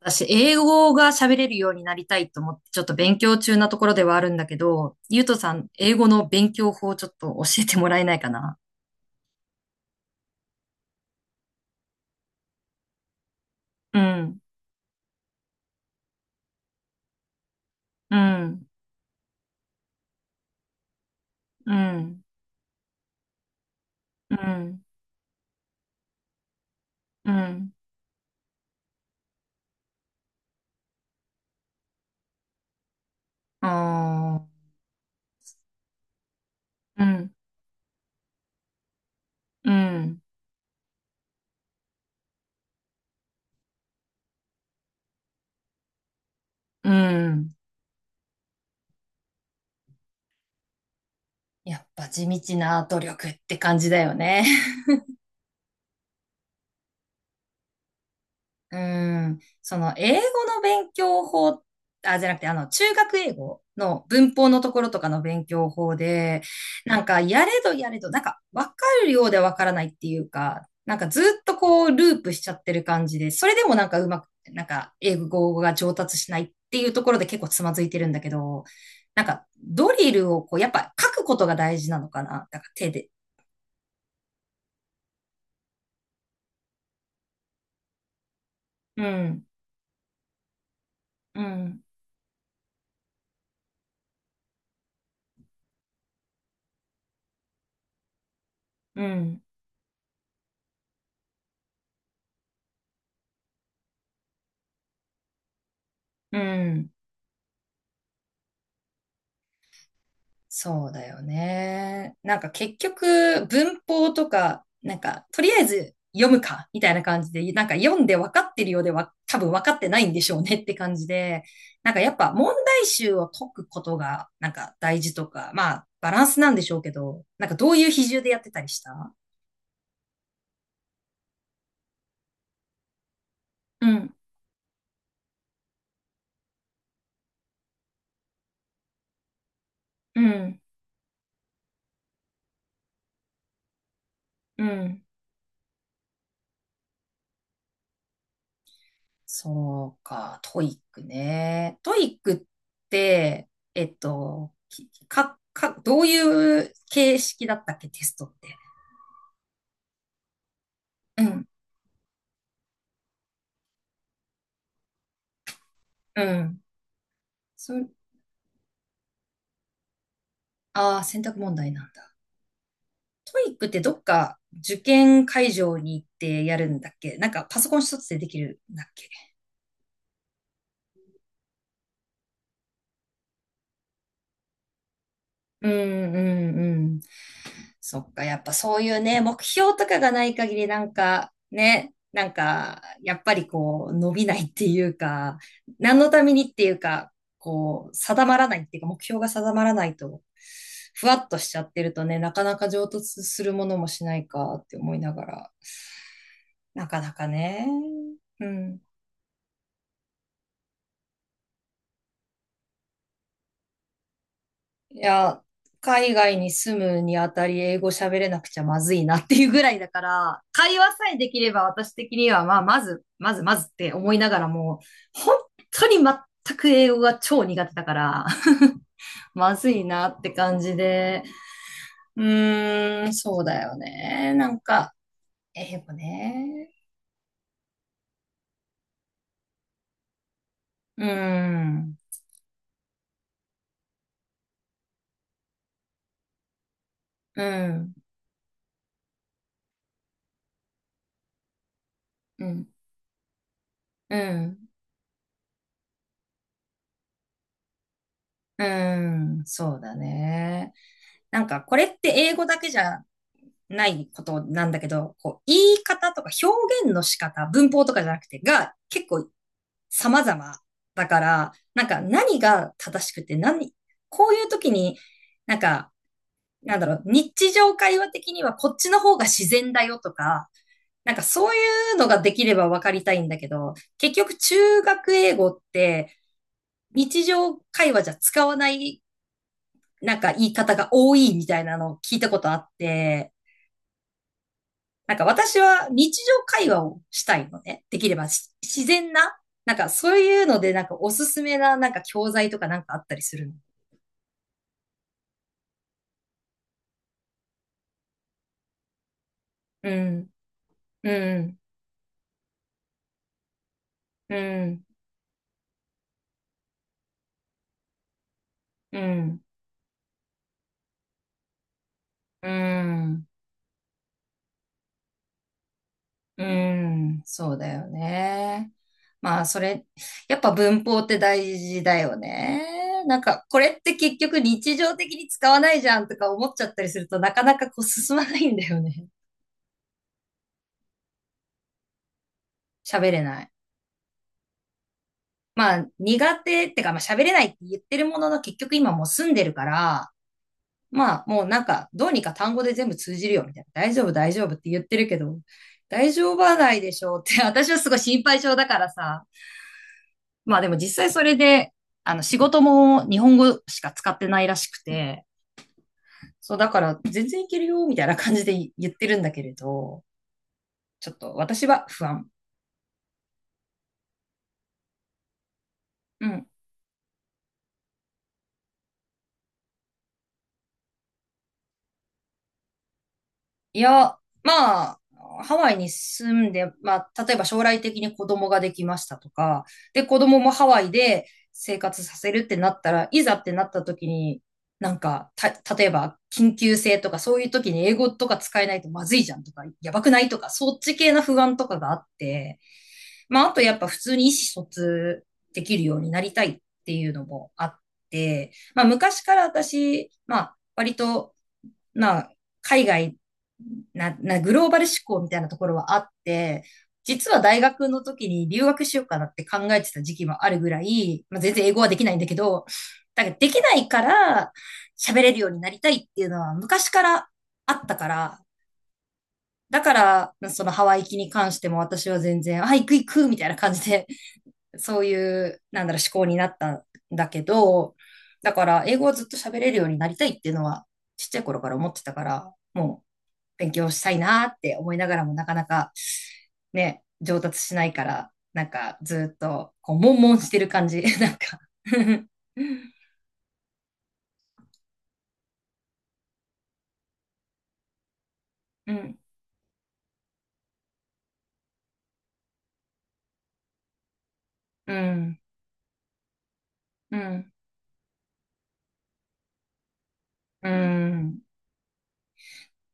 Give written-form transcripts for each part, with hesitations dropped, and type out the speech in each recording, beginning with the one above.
私、英語が喋れるようになりたいと思って、ちょっと勉強中なところではあるんだけど、ゆうとさん、英語の勉強法をちょっと教えてもらえないかな？うん、うん、うん、うん、うん、あーうん、うん、うん。やっぱ地道な努力って感じだよね。うーん、その英語の勉強法、あ、じゃなくて、あの、中学英語の文法のところとかの勉強法で、なんか、やれどやれど、なんか、わかるようでわからないっていうか、なんかずっとこう、ループしちゃってる感じで、それでもなんかうまく、なんか、英語が上達しないっていうところで結構つまずいてるんだけど、なんか、ドリルをこう、やっぱ書くことが大事なのかな、だから手で。うん、うん、うん、うん。そうだよね。なんか結局文法とか、なんかとりあえず読むかみたいな感じで、なんか読んで分かってるようでは多分分かってないんでしょうねって感じで、なんかやっぱ問題集を解くことがなんか大事とか、まあバランスなんでしょうけど、なんかどういう比重でやってたりした？うん、うん、うん。そうか、トイックね。トイックって、えっと、きか、か、どういう形式だったっけ、テストって。うん、うん。そ、ああ、選択問題なんだ。トイックってどっか受験会場に行ってやるんだっけ？なんかパソコン一つでできるんだっけ？うん、うん、うん。そっか、やっぱそういうね、目標とかがない限りなんかね、なんかやっぱりこう伸びないっていうか、何のためにっていうか、こう定まらないっていうか、目標が定まらないと、ふわっとしちゃってるとね、なかなか上達するものもしないかって思いながら、なかなかね、うん。いや、海外に住むにあたり英語喋れなくちゃまずいなっていうぐらいだから、会話さえできれば私的には、まあ、まずまずって思いながらも、本当に全く英語が超苦手だから、まずいなって感じで、うーん、そうだよね。なんか、英語ね。うーん、うん、うん、うん、うん、そうだね。なんか、これって英語だけじゃないことなんだけど、こう、言い方とか表現の仕方、文法とかじゃなくて、が結構様々だから、なんか何が正しくて、何、こういう時に、なんか、なんだろう、日常会話的にはこっちの方が自然だよとか、なんかそういうのができれば分かりたいんだけど、結局中学英語って日常会話じゃ使わないなんか言い方が多いみたいなのを聞いたことあって、なんか私は日常会話をしたいのね。できれば自然な。なんかそういうので、なんかおすすめな、なんか教材とかなんかあったりするの。うん、うん、うん、うん、うん、うん、そうだよね。まあそれ、やっぱ文法って大事だよね。なんかこれって結局日常的に使わないじゃんとか思っちゃったりするとなかなかこう進まないんだよね。喋れない。まあ、苦手ってか、まあ、喋れないって言ってるものの、結局今もう住んでるから、まあ、もうなんか、どうにか単語で全部通じるよ、みたいな。大丈夫、大丈夫って言ってるけど、大丈夫はないでしょうって、私はすごい心配性だからさ。まあでも実際それで、あの、仕事も日本語しか使ってないらしくて、そう、だから全然いけるよ、みたいな感じで言ってるんだけれど、ちょっと私は不安。うん。いや、まあ、ハワイに住んで、まあ、例えば将来的に子供ができましたとか、で、子供もハワイで生活させるってなったら、いざってなった時に、なんか、例えば、緊急性とか、そういう時に英語とか使えないとまずいじゃんとか、やばくないとか、そっち系の不安とかがあって、まあ、あとやっぱ普通に意思疎通できるようになりたいっていうのもあって、まあ、昔から私、まあ、割と、まあ、海外な、な、グローバル志向みたいなところはあって、実は大学の時に留学しようかなって考えてた時期もあるぐらい、まあ、全然英語はできないんだけど、だからできないから喋れるようになりたいっていうのは昔からあったから、だから、そのハワイ行きに関しても私は全然、あ、行く行くみたいな感じで、そういう、なんだろう、思考になったんだけど、だから、英語をずっと喋れるようになりたいっていうのは、ちっちゃい頃から思ってたから、勉強したいなって思いながらもなかなかね、上達しないから、なんかずっとこう、悶々してる感じ。なんか うん、うん、うん、うん。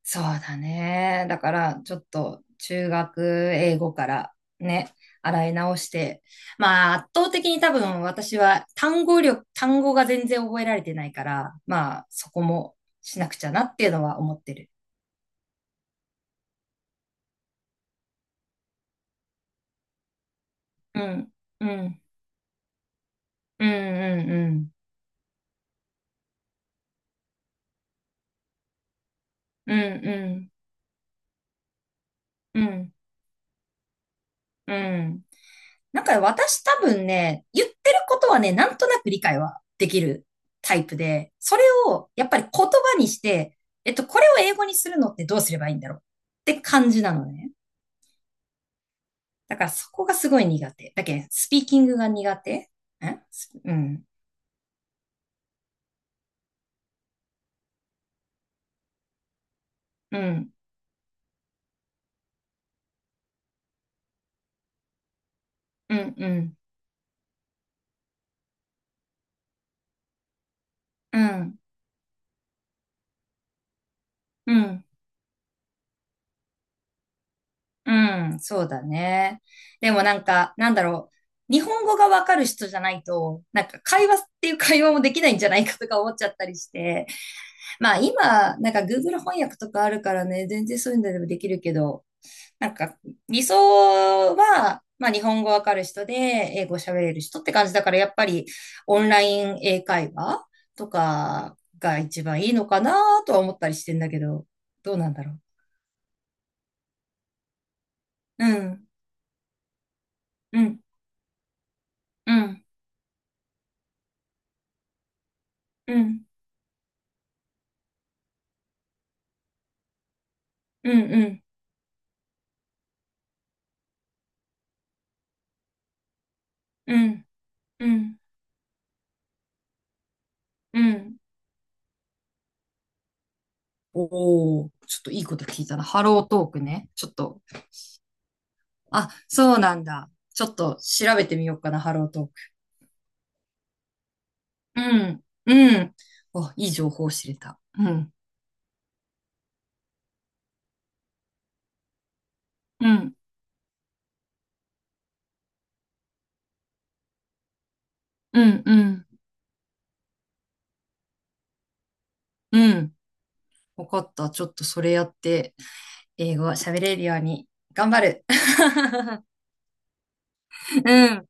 そうだね。だから、ちょっと中学英語からね、洗い直して、まあ、圧倒的に多分私は単語が全然覚えられてないから、まあ、そこもしなくちゃなっていうのは思ってる。うん、うん、うん、うん、うん。うん、うん、うん、うん。なんか私多分ね、言ってることはね、なんとなく理解はできるタイプで、それをやっぱり言葉にして、これを英語にするのってどうすればいいんだろうって感じなのね。だからそこがすごい苦手。だけど、スピーキングが苦手んすうん、うん、うん、うん、うん、うん。うん、そうだね。でもなんか、なんだろう。日本語がわかる人じゃないと、なんか会話っていう会話もできないんじゃないかとか思っちゃったりして。まあ今、なんか Google 翻訳とかあるからね、全然そういうのでもできるけど、なんか理想は、まあ日本語わかる人で英語喋れる人って感じだから、やっぱりオンライン英会話とかが一番いいのかなとは思ったりしてんだけど、どうなんだろう。うん、うん、うん、うん。うん、うん、うん、うん、うん、おおー、ちょっといいこと聞いたな。ハロートークね。ちょっと。あ、そうなんだ。ちょっと調べてみようかな、ハロートーク。うん、うん。お、いい情報を知れた。うん、うん、うん、うん、うん。わかった。ちょっとそれやって、英語喋れるように頑張る。うん。